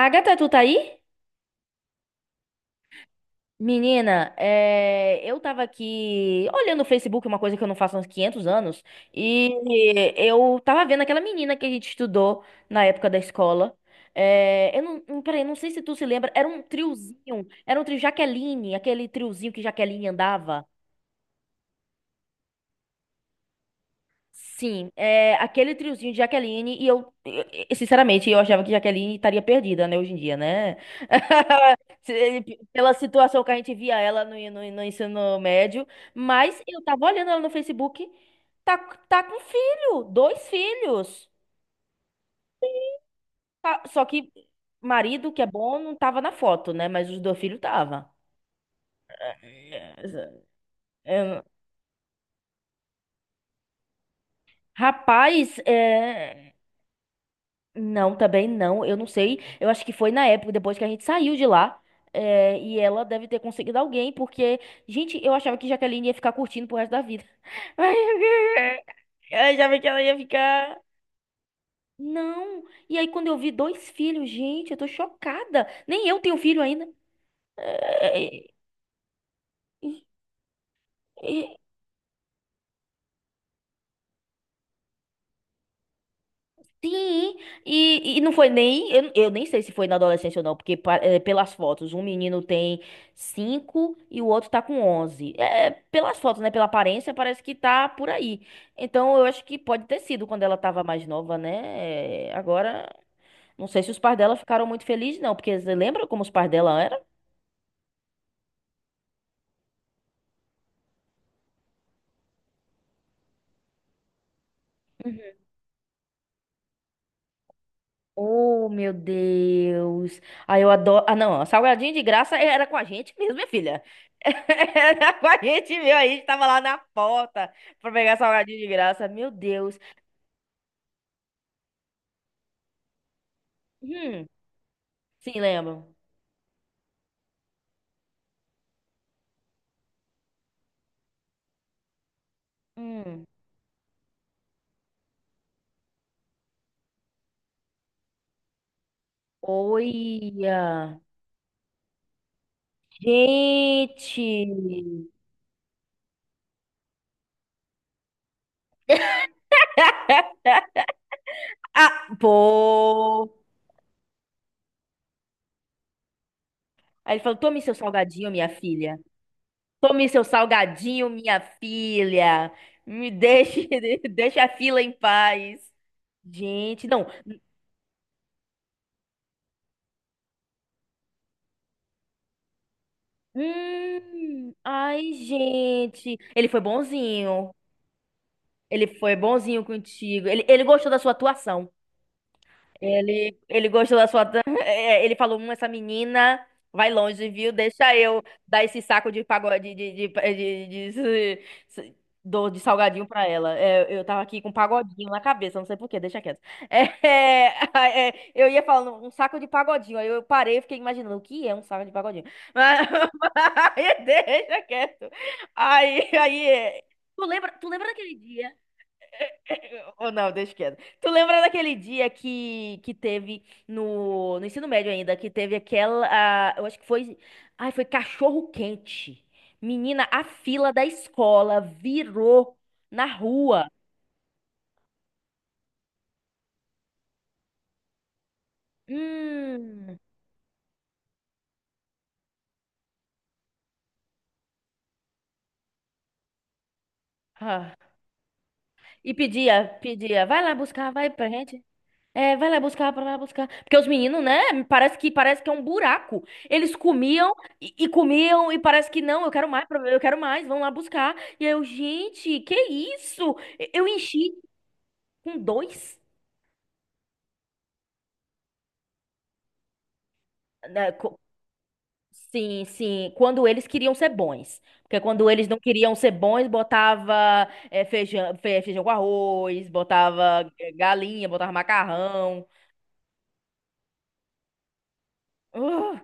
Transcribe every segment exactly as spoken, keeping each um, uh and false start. Agatha, tu tá aí? Menina, é, eu tava aqui olhando o Facebook, uma coisa que eu não faço há uns quinhentos anos, e eu tava vendo aquela menina que a gente estudou na época da escola. É, Eu não, não- Peraí, não sei se tu se lembra, era um triozinho, era um trio Jaqueline, aquele triozinho que Jaqueline andava. Sim, é aquele triozinho de Jaqueline e eu, eu- eu- sinceramente, eu achava que Jaqueline estaria perdida, né, hoje em dia, né? Se- Pela situação que a gente via ela no, no, no ensino médio, mas eu tava olhando ela no Facebook, tá, tá com filho, dois filhos. Tá- só que marido, que é bom, não tava na foto, né? Mas os dois filhos tava. É, é, rapaz, é. Não, também não. Eu não sei. Eu acho que foi na época, depois que a gente saiu de lá. eh, e ela deve ter conseguido alguém, porque, gente, eu achava que Jaqueline ia ficar curtindo pro resto da vida. Eu achava que ela ia ficar. Não. E aí, quando eu vi dois filhos, gente, eu tô chocada. Nem eu tenho filho ainda. É, é, é, Sim, e, e não foi nem. Eu, eu nem sei se foi na adolescência ou não, porque pa- é, pelas fotos, um menino tem cinco e o outro tá com onze. É, é, pelas fotos, né? Pela aparência, parece que tá por aí. Então eu acho que pode ter sido quando ela tava mais nova, né? É, Agora, não sei se os pais dela ficaram muito felizes, não, porque você lembra como os pais dela eram? Oh, meu Deus. Ah, eu adoro. Ah, não. Salgadinho de graça era com a gente mesmo, minha filha. Era com a gente mesmo. A gente tava lá na porta pra pegar salgadinho de graça. Meu Deus. Hum, sim, lembro. Hum. Olha. Gente. Ah, pô. Aí ele falou: tome seu salgadinho, minha filha. Tome seu salgadinho, minha filha. Me deixe, deixe a fila em paz. Gente, não. Hum, ai, gente. Ele foi bonzinho. Ele foi bonzinho contigo. Ele, ele gostou da sua atuação. Ele, ele gostou da sua. é, Ele falou: hum, essa menina vai longe, viu? Deixa eu dar esse saco de pagode de, de, de, de, de- de- do- de salgadinho pra ela. É, eu tava aqui com um pagodinho na cabeça, não sei por quê, deixa quieto. É, é, é, eu ia falando um saco de pagodinho, aí eu parei e fiquei imaginando o que é um saco de pagodinho. Mas, mas deixa quieto. Aí, aí, é, tu lembra, tu lembra daquele dia? Ou não, deixa quieto. Tu lembra daquele dia que, que teve no, no ensino médio ainda, que teve aquela, ah, eu acho que foi, ai, foi cachorro quente. Menina, a fila da escola virou na rua. Hum. Ah. E pedia, pedia, vai lá buscar, vai pra gente. É, vai lá buscar, vai lá buscar. Porque os meninos, né? Parece que parece que é um buraco. Eles comiam e, e comiam e parece que não, eu quero mais, eu quero mais, vão lá buscar. E eu, gente, que isso? Eu enchi com dois, né, co- Sim, sim, quando eles queriam ser bons. Porque quando eles não queriam ser bons, botava é, feijão, fe- feijão com arroz, botava é, galinha, botava macarrão. Uh!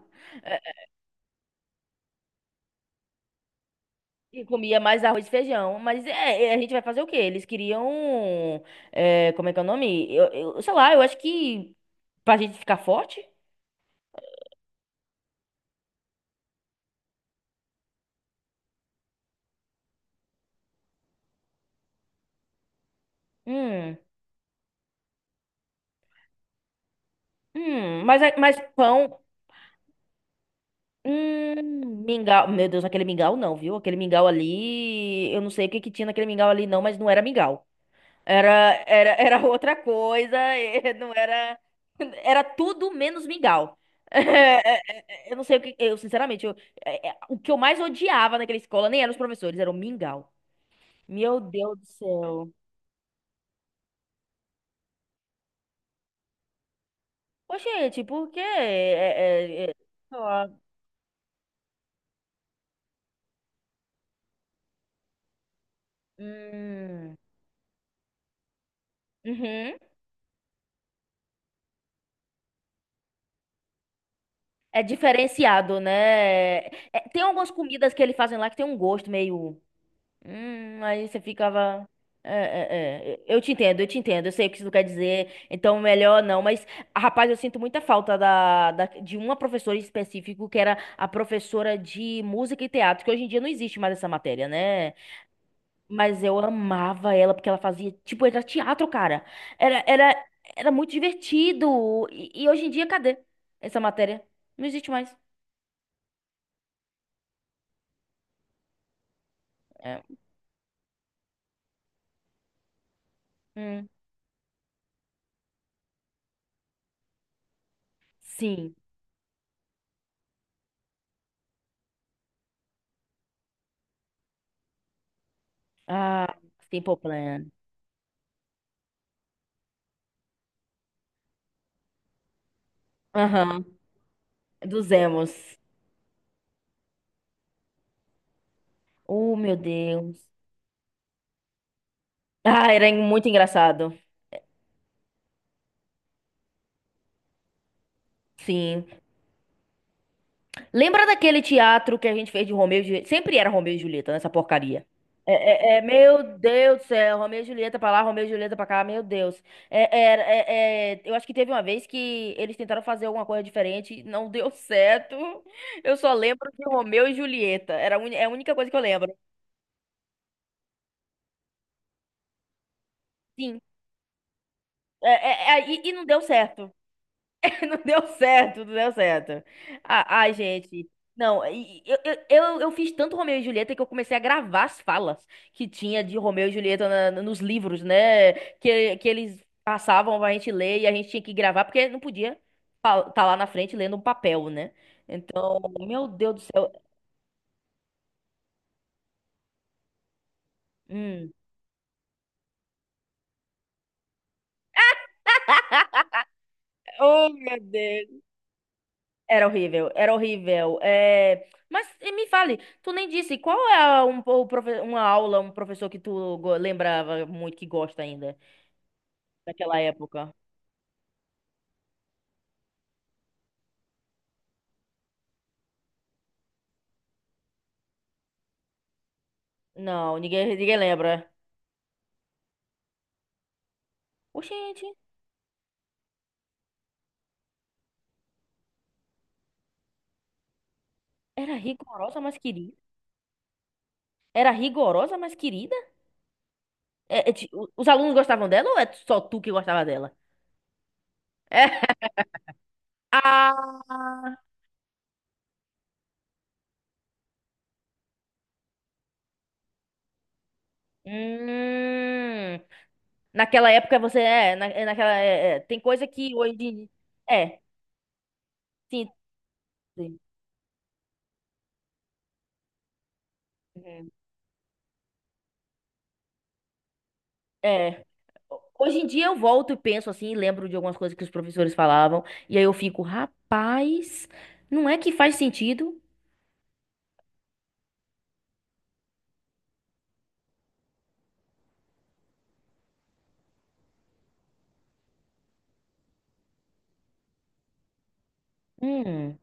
E comia mais arroz e feijão. Mas é, é, a gente vai fazer o quê? Eles queriam. é, como é que é o nome? Eu, eu- sei lá, eu acho que. Pra gente ficar forte? Hum. Hum. Mas, é- mas pão. Hum. Mingau. Meu Deus, aquele mingau não, viu? Aquele mingau ali. Eu não sei o que que tinha naquele mingau ali, não, mas não era mingau. Era, era, era outra coisa, eh, não era. Era tudo menos mingau. Eh, eh, eh, Eu não sei o que. Eu, sinceramente, eu- eh, eh, o que eu mais odiava naquela escola nem eram os professores, era o mingau. Meu Deus do céu. Oxente, por quê? É, é, é, ó, hum, uhum. É diferenciado, né? É, tem algumas comidas que eles fazem lá que tem um gosto meio. Hum, aí você ficava. É, é, é. Eu te entendo, eu te entendo. Eu sei o que isso quer dizer. Então, melhor não. Mas, rapaz, eu sinto muita falta da, da- de uma professora em específico, que era a professora de música e teatro, que hoje em dia não existe mais essa matéria, né? Mas eu amava ela, porque ela fazia. Tipo, era teatro, cara. Era, era, era muito divertido. E, e hoje em dia, cadê essa matéria? Não existe mais. É, hum. Sim. Ah, Simple Plan. Aham. Dos emos. Oh, meu Deus. Ah, era muito engraçado. Sim. Lembra daquele teatro que a gente fez de Romeu e Julieta? Sempre era Romeu e Julieta, nessa porcaria. É, é- é, meu Deus do céu, Romeu e Julieta pra lá, Romeu e Julieta pra cá, meu Deus. É, é, era- é- é, eu acho que teve uma vez que eles tentaram fazer alguma coisa diferente, não deu certo. Eu só lembro de Romeu e Julieta, era a uni- é a única coisa que eu lembro. Sim, é, é- é, e, e não deu certo. Não deu certo, não deu certo. Ah, ai, gente. Não, e- e- eu, eu, eu, eu fiz tanto Romeu e Julieta que eu comecei a gravar as falas que tinha de Romeu e Julieta na- na- nos livros, né? Que, que eles passavam pra gente ler e a gente tinha que gravar, porque não podia estar lá na frente lendo um papel, né? Então, meu Deus do céu. Hum. Oh, meu Deus. Era horrível, era horrível. É, Mas eh, me fale, tu nem disse, qual é a- um, o profe- uma aula, um professor que tu go- lembrava muito, que gosta ainda, daquela época? Não, ninguém, ninguém lembra. Oxente, era rigorosa, mas querida. Era rigorosa, mas querida? É, é, ti- o- os alunos gostavam dela ou é só tu que gostava dela? Ah, hum. Naquela época você é, na, é naquela é, é, tem coisa que hoje é, sim. Sim. Uhum. É. Hoje em dia eu volto e penso assim, e lembro de algumas coisas que os professores falavam, e aí eu fico, rapaz, não é que faz sentido? Hum,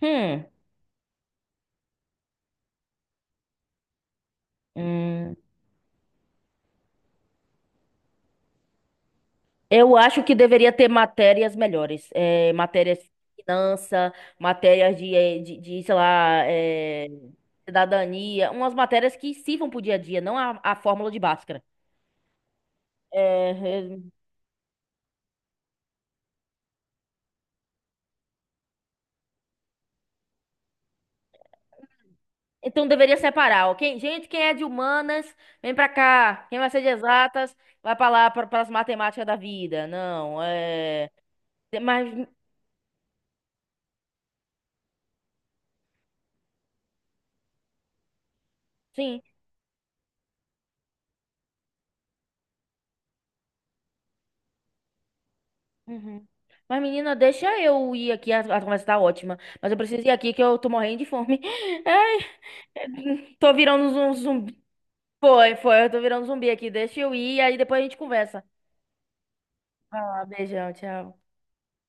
hum, hum. Eu acho que deveria ter matérias melhores, é, matérias de finança, matérias de, eh, de, de, sei lá, eh, cidadania, umas matérias que sirvam pro dia a dia, não a, a fórmula de Bhaskara. É, então deveria separar, ok? Gente, quem é de humanas, vem pra cá. Quem vai ser de exatas, vai pra lá, para as matemáticas da vida. Não, é. Mas, sim. Uhum. Mas, menina, deixa eu ir aqui. A, a conversa tá ótima. Mas eu preciso ir aqui que eu tô morrendo de fome. Ai, tô virando um zumbi. Foi, foi. Eu tô virando zumbi aqui. Deixa eu ir, aí depois a gente conversa. Ah, beijão, tchau.